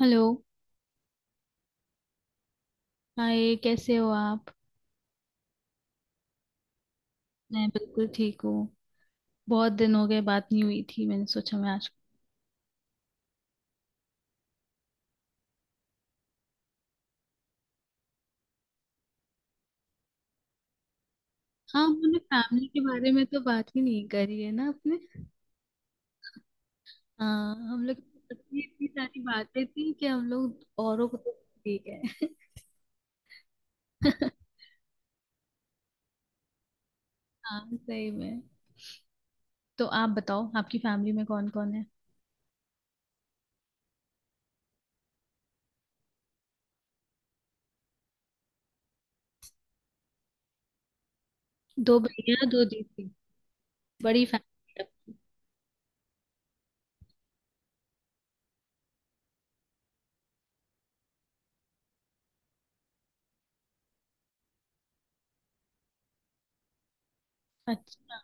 Hello. Hi, कैसे हो आप? मैं बिल्कुल ठीक हूँ। बहुत दिन हो गए बात नहीं हुई थी, मैंने सोचा मैं आज। हाँ, हमने फैमिली के बारे में तो बात ही नहीं करी है ना अपने। हाँ, हम लोग की इतनी इतनी सारी बातें थी कि हम लोग औरों को तो। ठीक है। हाँ, सही में। तो आप बताओ, आपकी फैमिली में कौन कौन है? दो भैया दो दीदी, बड़ी फैमिली आपकी। अच्छा।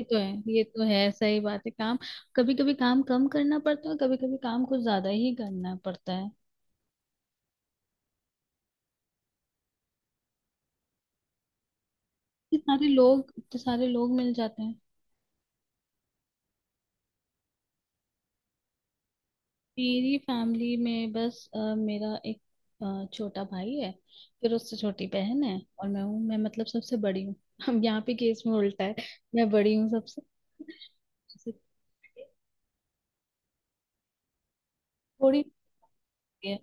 ये तो है ये तो है, सही बात है। काम कभी कभी काम कम करना पड़ता है, कभी कभी काम कुछ ज्यादा ही करना पड़ता है। इतने सारे लोग, इतने सारे लोग मिल जाते हैं। मेरी फैमिली में बस मेरा एक छोटा भाई है। फिर उससे छोटी बहन है और मैं हूँ, मैं मतलब सबसे बड़ी हूँ। हम यहाँ पे केस में उल्टा है। मैं बड़ी हूँ सबसे। सबसे थोड़ी होती है।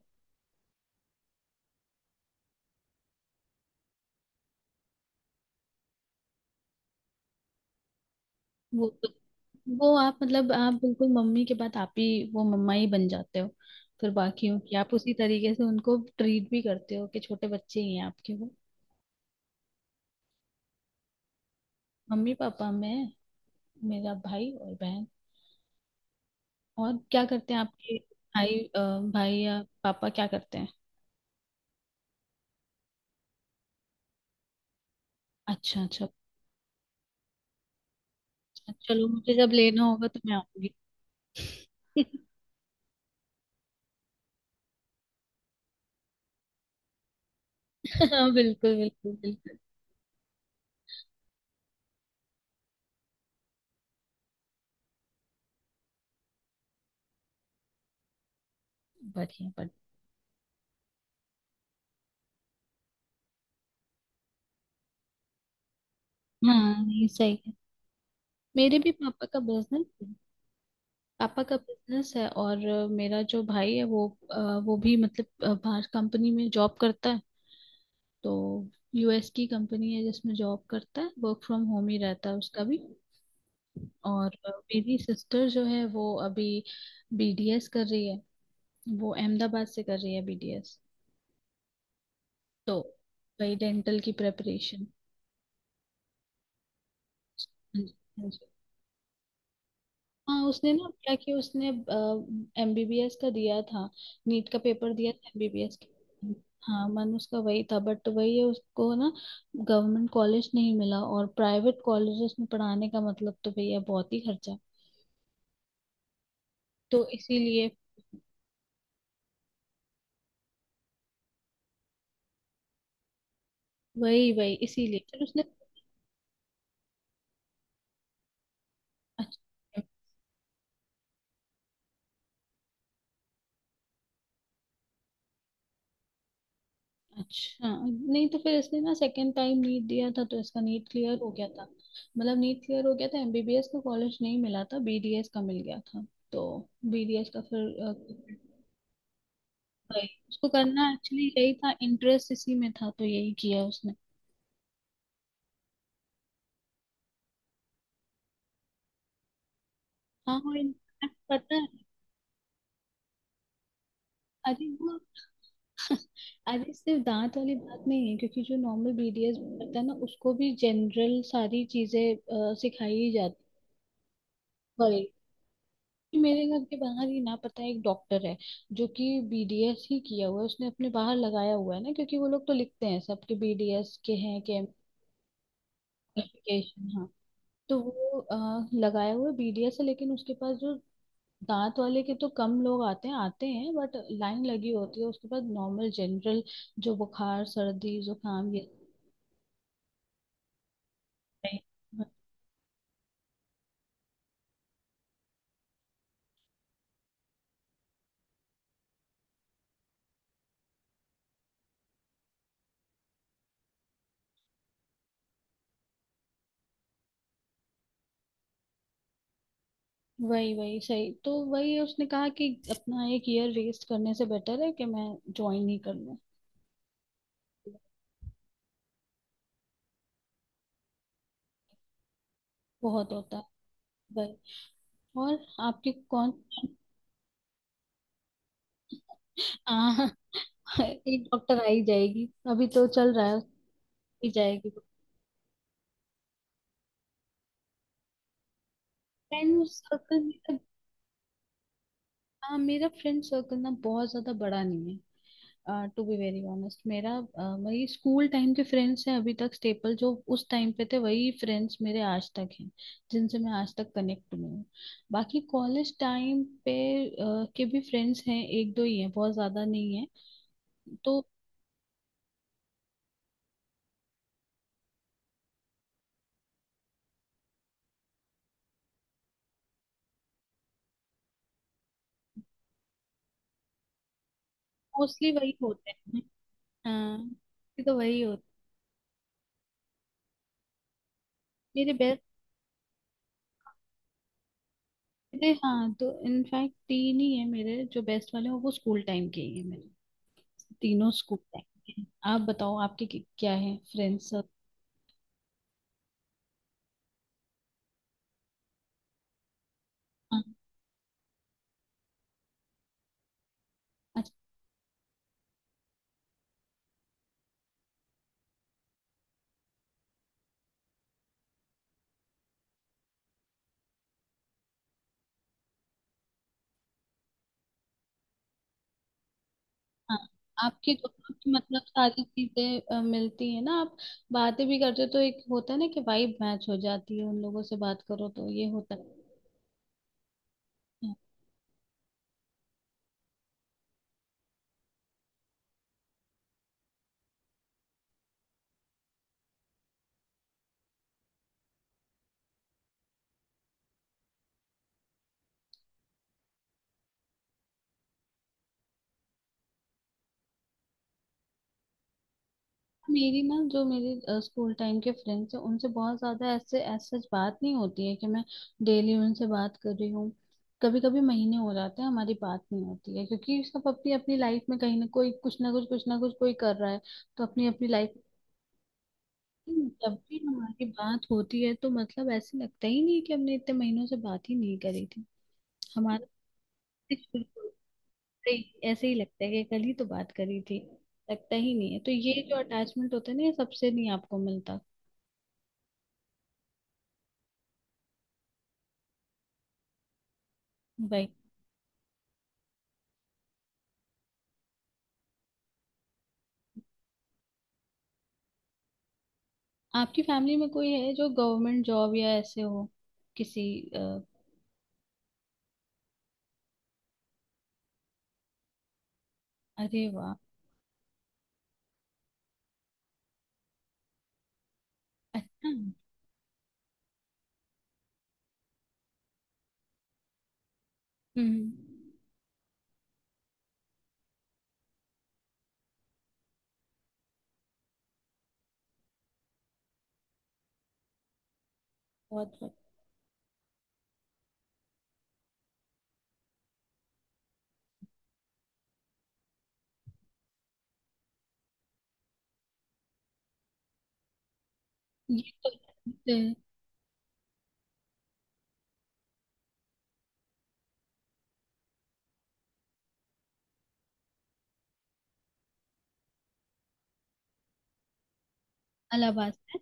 वो तो। वो आप मतलब आप बिल्कुल मम्मी के बाद आप ही वो मम्मा ही बन जाते हो। फिर बाकियों की आप उसी तरीके से उनको ट्रीट भी करते हो कि छोटे बच्चे ही हैं आपके वो। मम्मी पापा, मैं, मेरा भाई और बहन। और क्या करते हैं आपके भाई, भाई या पापा क्या करते हैं? अच्छा, अच्छा। अच्छा, चलो मुझे जब लेना होगा तो मैं आऊंगी। हाँ, बिल्कुल, बिल्कुल, बिल्कुल। बढ़िया बढ़िया। हाँ, नहीं, सही है। मेरे भी पापा का बिजनेस है। पापा का बिजनेस है और मेरा जो भाई है वो वो भी मतलब बाहर कंपनी में जॉब करता है। तो यूएस की कंपनी है जिसमें जॉब करता है, वर्क फ्रॉम होम ही रहता है उसका भी। और मेरी सिस्टर जो है वो अभी बीडीएस कर रही है। वो अहमदाबाद से कर रही है बीडीएस। तो वही डेंटल की प्रेपरेशन। हाँ, उसने ना क्या कि उसने एमबीबीएस का दिया था, नीट का पेपर दिया था एमबीबीएस का। हाँ, मन उसका वही था, बट वही है उसको ना गवर्नमेंट कॉलेज नहीं मिला, और प्राइवेट कॉलेजेस में पढ़ाने का मतलब तो भैया बहुत ही खर्चा। तो इसीलिए। वही वही, इसीलिए फिर उसने। अच्छा, अच्छा। नहीं, तो फिर इसने ना सेकंड टाइम नीट दिया था तो इसका नीट क्लियर हो गया था। मतलब नीट क्लियर हो गया था, एमबीबीएस का कॉलेज नहीं मिला था, बीडीएस का मिल गया था। तो बीडीएस का फिर, भाई, उसको करना एक्चुअली यही था, इंटरेस्ट इसी में था तो यही किया उसने। हाँ, और इनफैक्ट पता है, अरे वो अरे सिर्फ दांत वाली बात नहीं है, क्योंकि जो नॉर्मल बीडीएस होता है ना उसको भी जनरल सारी चीजें सिखाई जाती। मेरे घर के बाहर ही ना पता है एक डॉक्टर है जो कि बीडीएस ही किया हुआ है, उसने अपने बाहर लगाया हुआ है ना, क्योंकि वो लोग तो लिखते हैं सबके बीडीएस के हैं के एप्लीकेशन। हाँ, तो वो लगाया हुआ बीडीएस है, लेकिन उसके पास जो दांत वाले के तो कम लोग आते हैं, आते हैं बट लाइन लगी होती है उसके पास नॉर्मल जनरल जो बुखार सर्दी जुकाम ये। वही वही सही, तो वही उसने कहा कि अपना एक ईयर वेस्ट करने से बेटर है कि मैं ज्वाइन ही कर लूँ। बहुत होता है। और आपकी कौन? आ, एक डॉक्टर आई जाएगी, अभी तो चल रहा है, ही जाएगी। फ्रेंड सर्कल मेरा, हाँ, मेरा फ्रेंड सर्कल ना बहुत ज्यादा बड़ा नहीं है, टू बी वेरी ऑनेस्ट। मेरा वही स्कूल टाइम के फ्रेंड्स हैं अभी तक, स्टेपल जो उस टाइम पे थे वही फ्रेंड्स मेरे आज तक हैं, जिनसे मैं आज तक कनेक्ट हुई हूँ। बाकी कॉलेज टाइम पे के भी फ्रेंड्स हैं, एक दो ही हैं, बहुत ज्यादा नहीं है तो। मोस्टली वही होते हैं। हाँ, ये तो वही होते हैं। मेरे बेस्ट, मेरे, हाँ तो इनफैक्ट तीन ही है मेरे जो बेस्ट वाले हैं, वो स्कूल टाइम के ही है मेरे, तीनों स्कूल टाइम के हैं। आप बताओ आपके क्या है फ्रेंड्स? हाँ। अच्छा। हाँ। आपके तो- आपकी मतलब सारी चीजें मिलती है ना, आप बातें भी करते हो तो एक होता है ना कि वाइब मैच हो जाती है, उन लोगों से बात करो तो ये होता है। मेरी ना जो मेरी स्कूल टाइम के फ्रेंड्स हैं उनसे बहुत ज्यादा ऐसे ऐसे बात नहीं होती है कि मैं डेली उनसे बात कर रही हूँ। कभी कभी महीने हो जाते हैं हमारी बात नहीं होती है, क्योंकि सब अपनी अपनी लाइफ में कहीं ना कोई कुछ ना कुछ कोई कर रहा है, तो अपनी अपनी लाइफ। जब भी हमारी बात होती है तो मतलब ऐसे लगता ही नहीं है कि हमने इतने महीनों से बात ही नहीं करी थी। हमारा तो शुरू से ही ऐसे ही लगता है कि कल ही तो बात करी थी। लगता ही नहीं है, तो ये जो अटैचमेंट होता है ना ये सबसे नहीं आपको मिलता, भाई। आपकी फैमिली में कोई है जो गवर्नमेंट जॉब या ऐसे हो, किसी? अ, अरे वाह। अच्छा। हम्म। बहुत बहुत। ये, अ, अलाहाबाद से।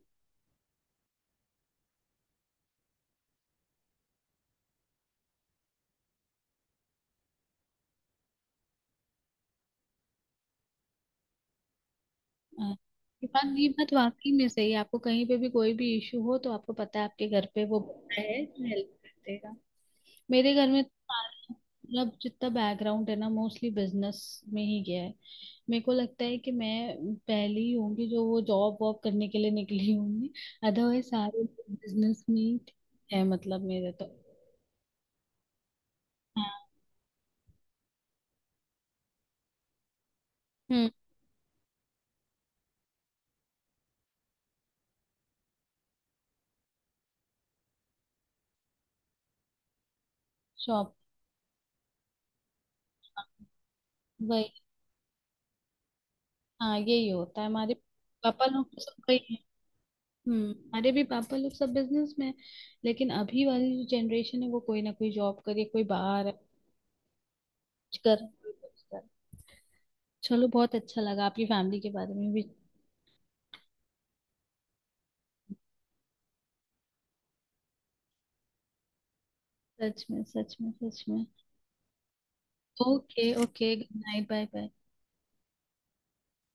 अ, ये बात, ये बात वाकई में सही है, आपको कहीं पे भी कोई भी इशू हो तो आपको पता है आपके घर पे वो बंदा है जो हेल्प कर देगा। मेरे घर में तो मतलब जितना बैकग्राउंड है ना मोस्टली बिजनेस में ही गया है। मेरे को लगता है कि मैं पहली होंगी जो वो जॉब वॉब करने के लिए निकली होंगी, अदरवाइज सारे बिजनेस में ही है मतलब मेरे तो। हाँ। हम्म। शॉप। वही। हाँ, यही होता है हमारे पापा लोग तो सब वही है। हम्म, हमारे भी पापा लोग सब बिजनेस में है, लेकिन अभी वाली जो जनरेशन है वो कोई ना कोई जॉब करे, कोई बाहर है, कुछ कर कोई कुछ कर। चलो, बहुत अच्छा लगा आपकी फैमिली के बारे में भी। सच में, सच में, सच में। Okay, okay, good night, bye bye.